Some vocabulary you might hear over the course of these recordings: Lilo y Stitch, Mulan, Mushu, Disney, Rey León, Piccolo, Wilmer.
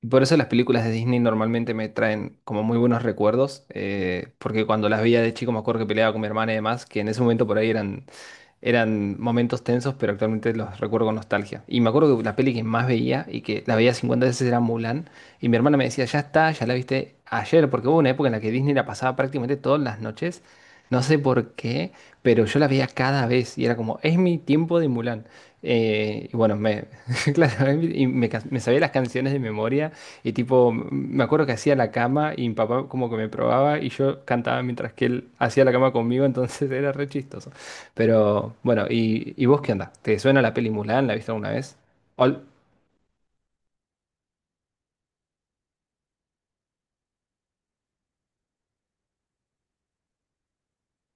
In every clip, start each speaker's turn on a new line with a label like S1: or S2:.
S1: Y por eso las películas de Disney normalmente me traen como muy buenos recuerdos, porque cuando las veía de chico me acuerdo que peleaba con mi hermana y demás, que en ese momento por ahí eran momentos tensos, pero actualmente los recuerdo con nostalgia. Y me acuerdo que la peli que más veía y que la veía 50 veces era Mulan, y mi hermana me decía, ya está, ya la viste ayer, porque hubo una época en la que Disney la pasaba prácticamente todas las noches, no sé por qué, pero yo la veía cada vez y era como, es mi tiempo de Mulan. Eh, y bueno, me, claro, me sabía las canciones de memoria y tipo, me acuerdo que hacía la cama y mi papá como que me probaba y yo cantaba mientras que él hacía la cama conmigo, entonces era re chistoso. Pero bueno, ¿y vos qué onda? ¿Te suena la peli Mulan? ¿La viste alguna vez? Ol-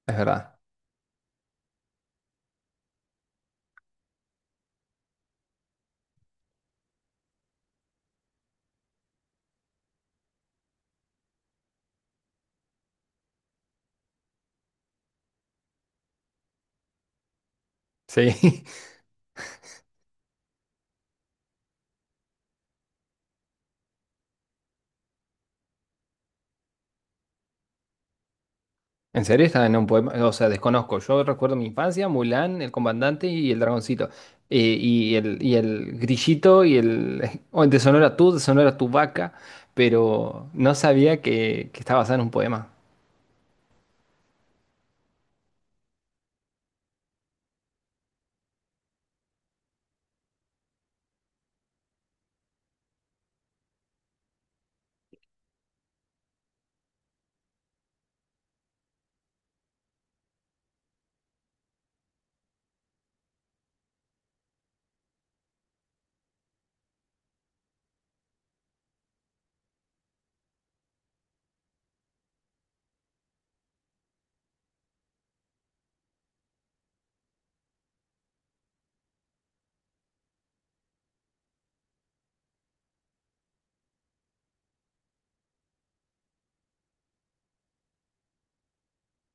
S1: es verdad. Sí. ¿En serio? Estaba en un poema. O sea, desconozco. Yo recuerdo mi infancia, Mulan, el comandante y el dragoncito. Y el grillito y el... O en Te sonora tú, te sonora tu vaca. Pero no sabía que estaba basada en un poema.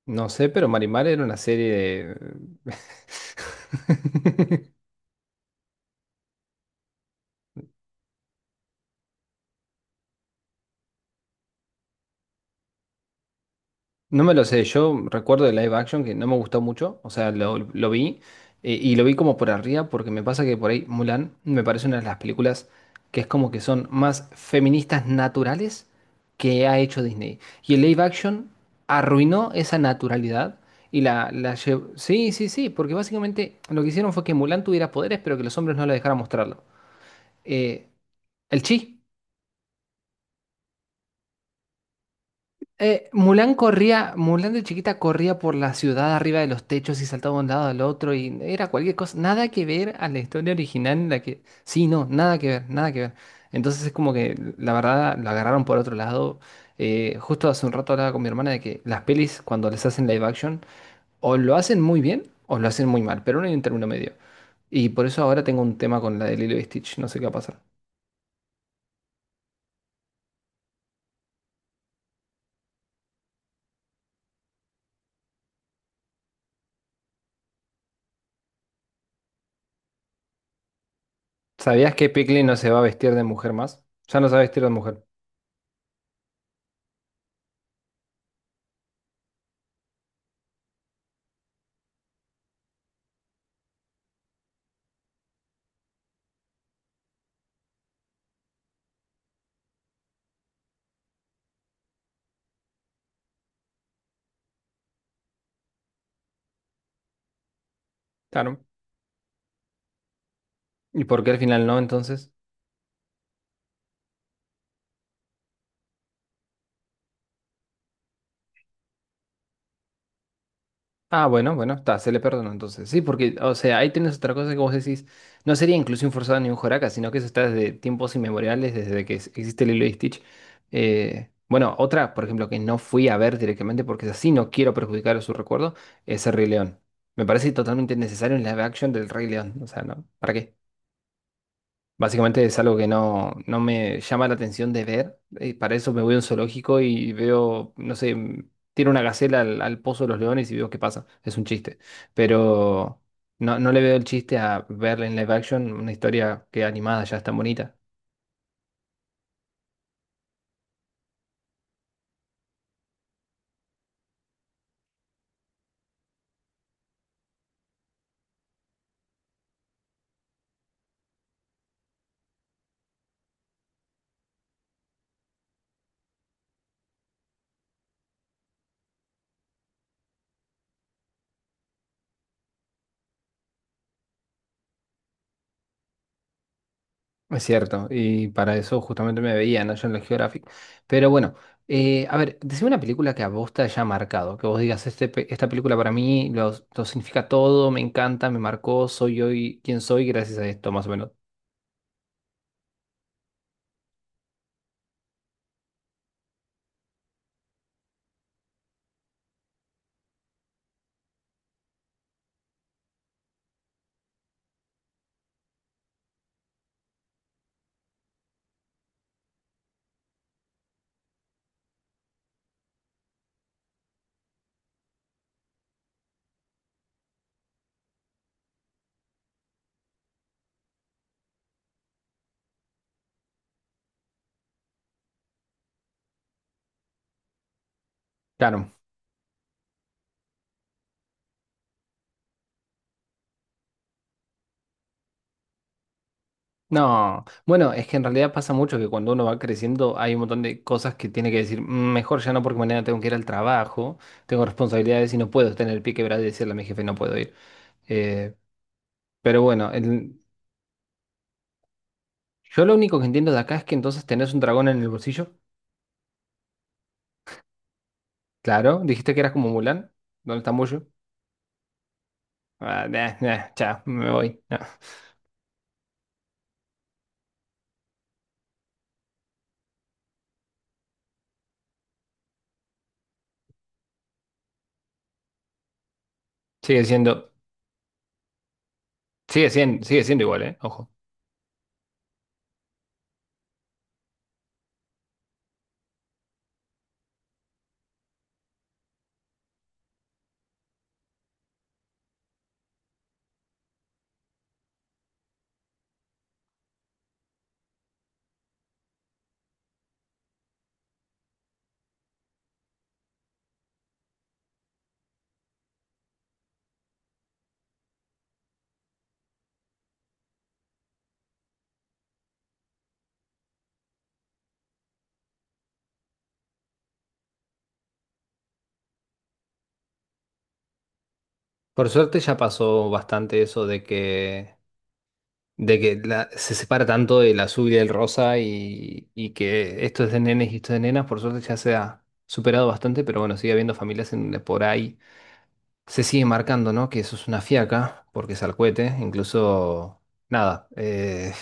S1: No sé, pero Marimar era una serie de... No me lo sé, yo recuerdo de live action que no me gustó mucho, o sea, lo vi y lo vi como por arriba porque me pasa que por ahí Mulan me parece una de las películas que es como que son más feministas naturales que ha hecho Disney. Y el live action arruinó esa naturalidad y la llevó... Sí, sí, sí, porque básicamente lo que hicieron fue que Mulan tuviera poderes pero que los hombres no la dejaran mostrarlo. Eh, el chi. Mulan corría, Mulan de chiquita corría por la ciudad arriba de los techos y saltaba de un lado al otro y era cualquier cosa, nada que ver a la historia original en la que, sí, no, nada que ver, nada que ver. Entonces es como que la verdad lo agarraron por otro lado. Justo hace un rato hablaba con mi hermana de que las pelis cuando les hacen live action o lo hacen muy bien o lo hacen muy mal, pero no hay un término medio. Y por eso ahora tengo un tema con la de Lilo y Stitch, no sé qué va a pasar. ¿Sabías que Piccolo no se va a vestir de mujer más? Ya no se va a vestir de mujer. Claro. ¿Y por qué al final no, entonces? Ah, bueno, está, se le perdonó entonces. Sí, porque, o sea, ahí tienes otra cosa que vos decís, no sería inclusión forzada ni un Joraka, sino que eso está desde tiempos inmemoriales, desde que existe Lilo y Stitch. Bueno, otra, por ejemplo, que no fui a ver directamente porque así, no quiero perjudicar su recuerdo, es el Rey León. Me parece totalmente necesario en live action del Rey León, o sea, ¿no? ¿Para qué? Básicamente es algo que no, no me llama la atención de ver. Para eso me voy a un zoológico y veo, no sé, mm, tiro una gacela al, al pozo de los leones y veo qué pasa. Es un chiste. Pero no, no le veo el chiste a verla en live action una historia que animada ya es tan bonita. Es cierto. Y para eso justamente me veía, ¿no? Yo en la Geographic. Pero bueno, a ver, decime una película que a vos te haya marcado. Que vos digas, este, esta película para mí lo significa todo, me encanta, me marcó, soy hoy quien soy gracias a esto, más o menos. Claro. No, bueno, es que en realidad pasa mucho que cuando uno va creciendo hay un montón de cosas que tiene que decir, "Mm, mejor ya no porque mañana tengo que ir al trabajo, tengo responsabilidades y no puedo tener el pie quebrado y decirle a mi jefe no puedo ir. Eh, pero bueno, el- yo lo único que entiendo de acá es que entonces tenés un dragón en el bolsillo. Claro, dijiste que eras como Mulan. ¿Dónde está Mushu? Ah, nah, nah, chao, me voy. No. Sigue siendo, sigue siendo igual, ¿eh? Ojo. Por suerte ya pasó bastante eso de que se separa tanto del azul y del rosa y que esto es de nenes y esto es de nenas, por suerte ya se ha superado bastante, pero bueno, sigue habiendo familias en, por ahí se sigue marcando, ¿no? Que eso es una fiaca, porque es al cohete, incluso, nada, eh,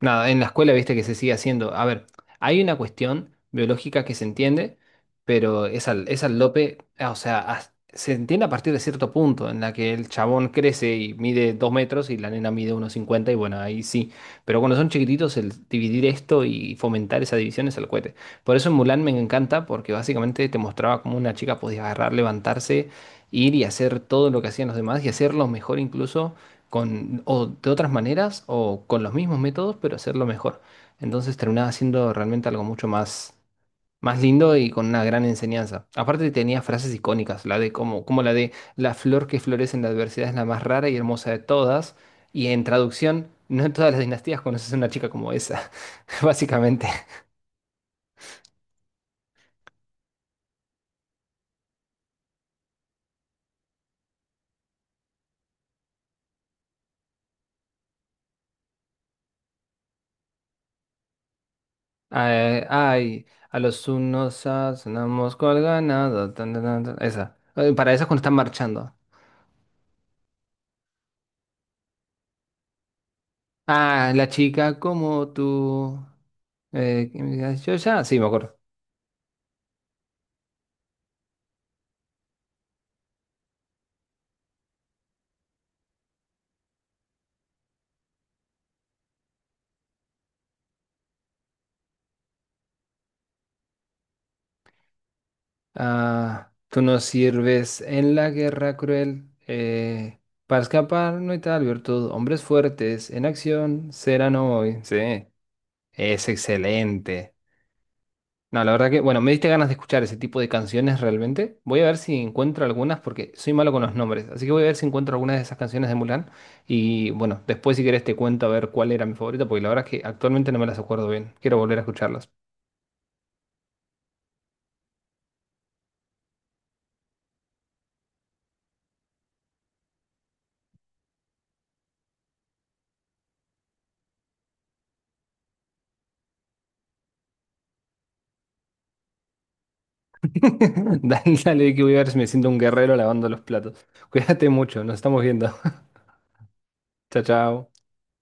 S1: nada, en la escuela viste que se sigue haciendo. A ver, hay una cuestión biológica que se entiende, pero es es al lope, ah, o sea, se entiende a partir de cierto punto en la que el chabón crece y mide 2 metros y la nena mide 1,50 y bueno, ahí sí. Pero cuando son chiquititos, el dividir esto y fomentar esa división es al cohete. Por eso en Mulan me encanta, porque básicamente te mostraba cómo una chica podía agarrar, levantarse ir y hacer todo lo que hacían los demás y hacerlo mejor incluso con o de otras maneras o con los mismos métodos, pero hacerlo mejor. Entonces terminaba siendo realmente algo mucho más lindo y con una gran enseñanza. Aparte tenía frases icónicas, la de como la de la flor que florece en la adversidad es la más rara y hermosa de todas y en traducción no en todas las dinastías conoces a una chica como esa, básicamente. Ay, ay, a los unos sonamos cual ganado. Tan, tan, tan, tan. Esa. Para esa cuando están marchando. Ah, la chica como tú. Que me digas, yo ya. Sí, me acuerdo. Ah, tú nos sirves en la guerra cruel. Para escapar no hay tal virtud. Hombres fuertes en acción serán hoy. Sí, es excelente. No, la verdad que, bueno, me diste ganas de escuchar ese tipo de canciones realmente. Voy a ver si encuentro algunas porque soy malo con los nombres. Así que voy a ver si encuentro algunas de esas canciones de Mulan. Y bueno, después si querés te cuento a ver cuál era mi favorita porque la verdad es que actualmente no me las acuerdo bien. Quiero volver a escucharlas. Dale, dale, que voy a ver si me siento un guerrero lavando los platos. Cuídate mucho, nos estamos viendo. Chao, chao.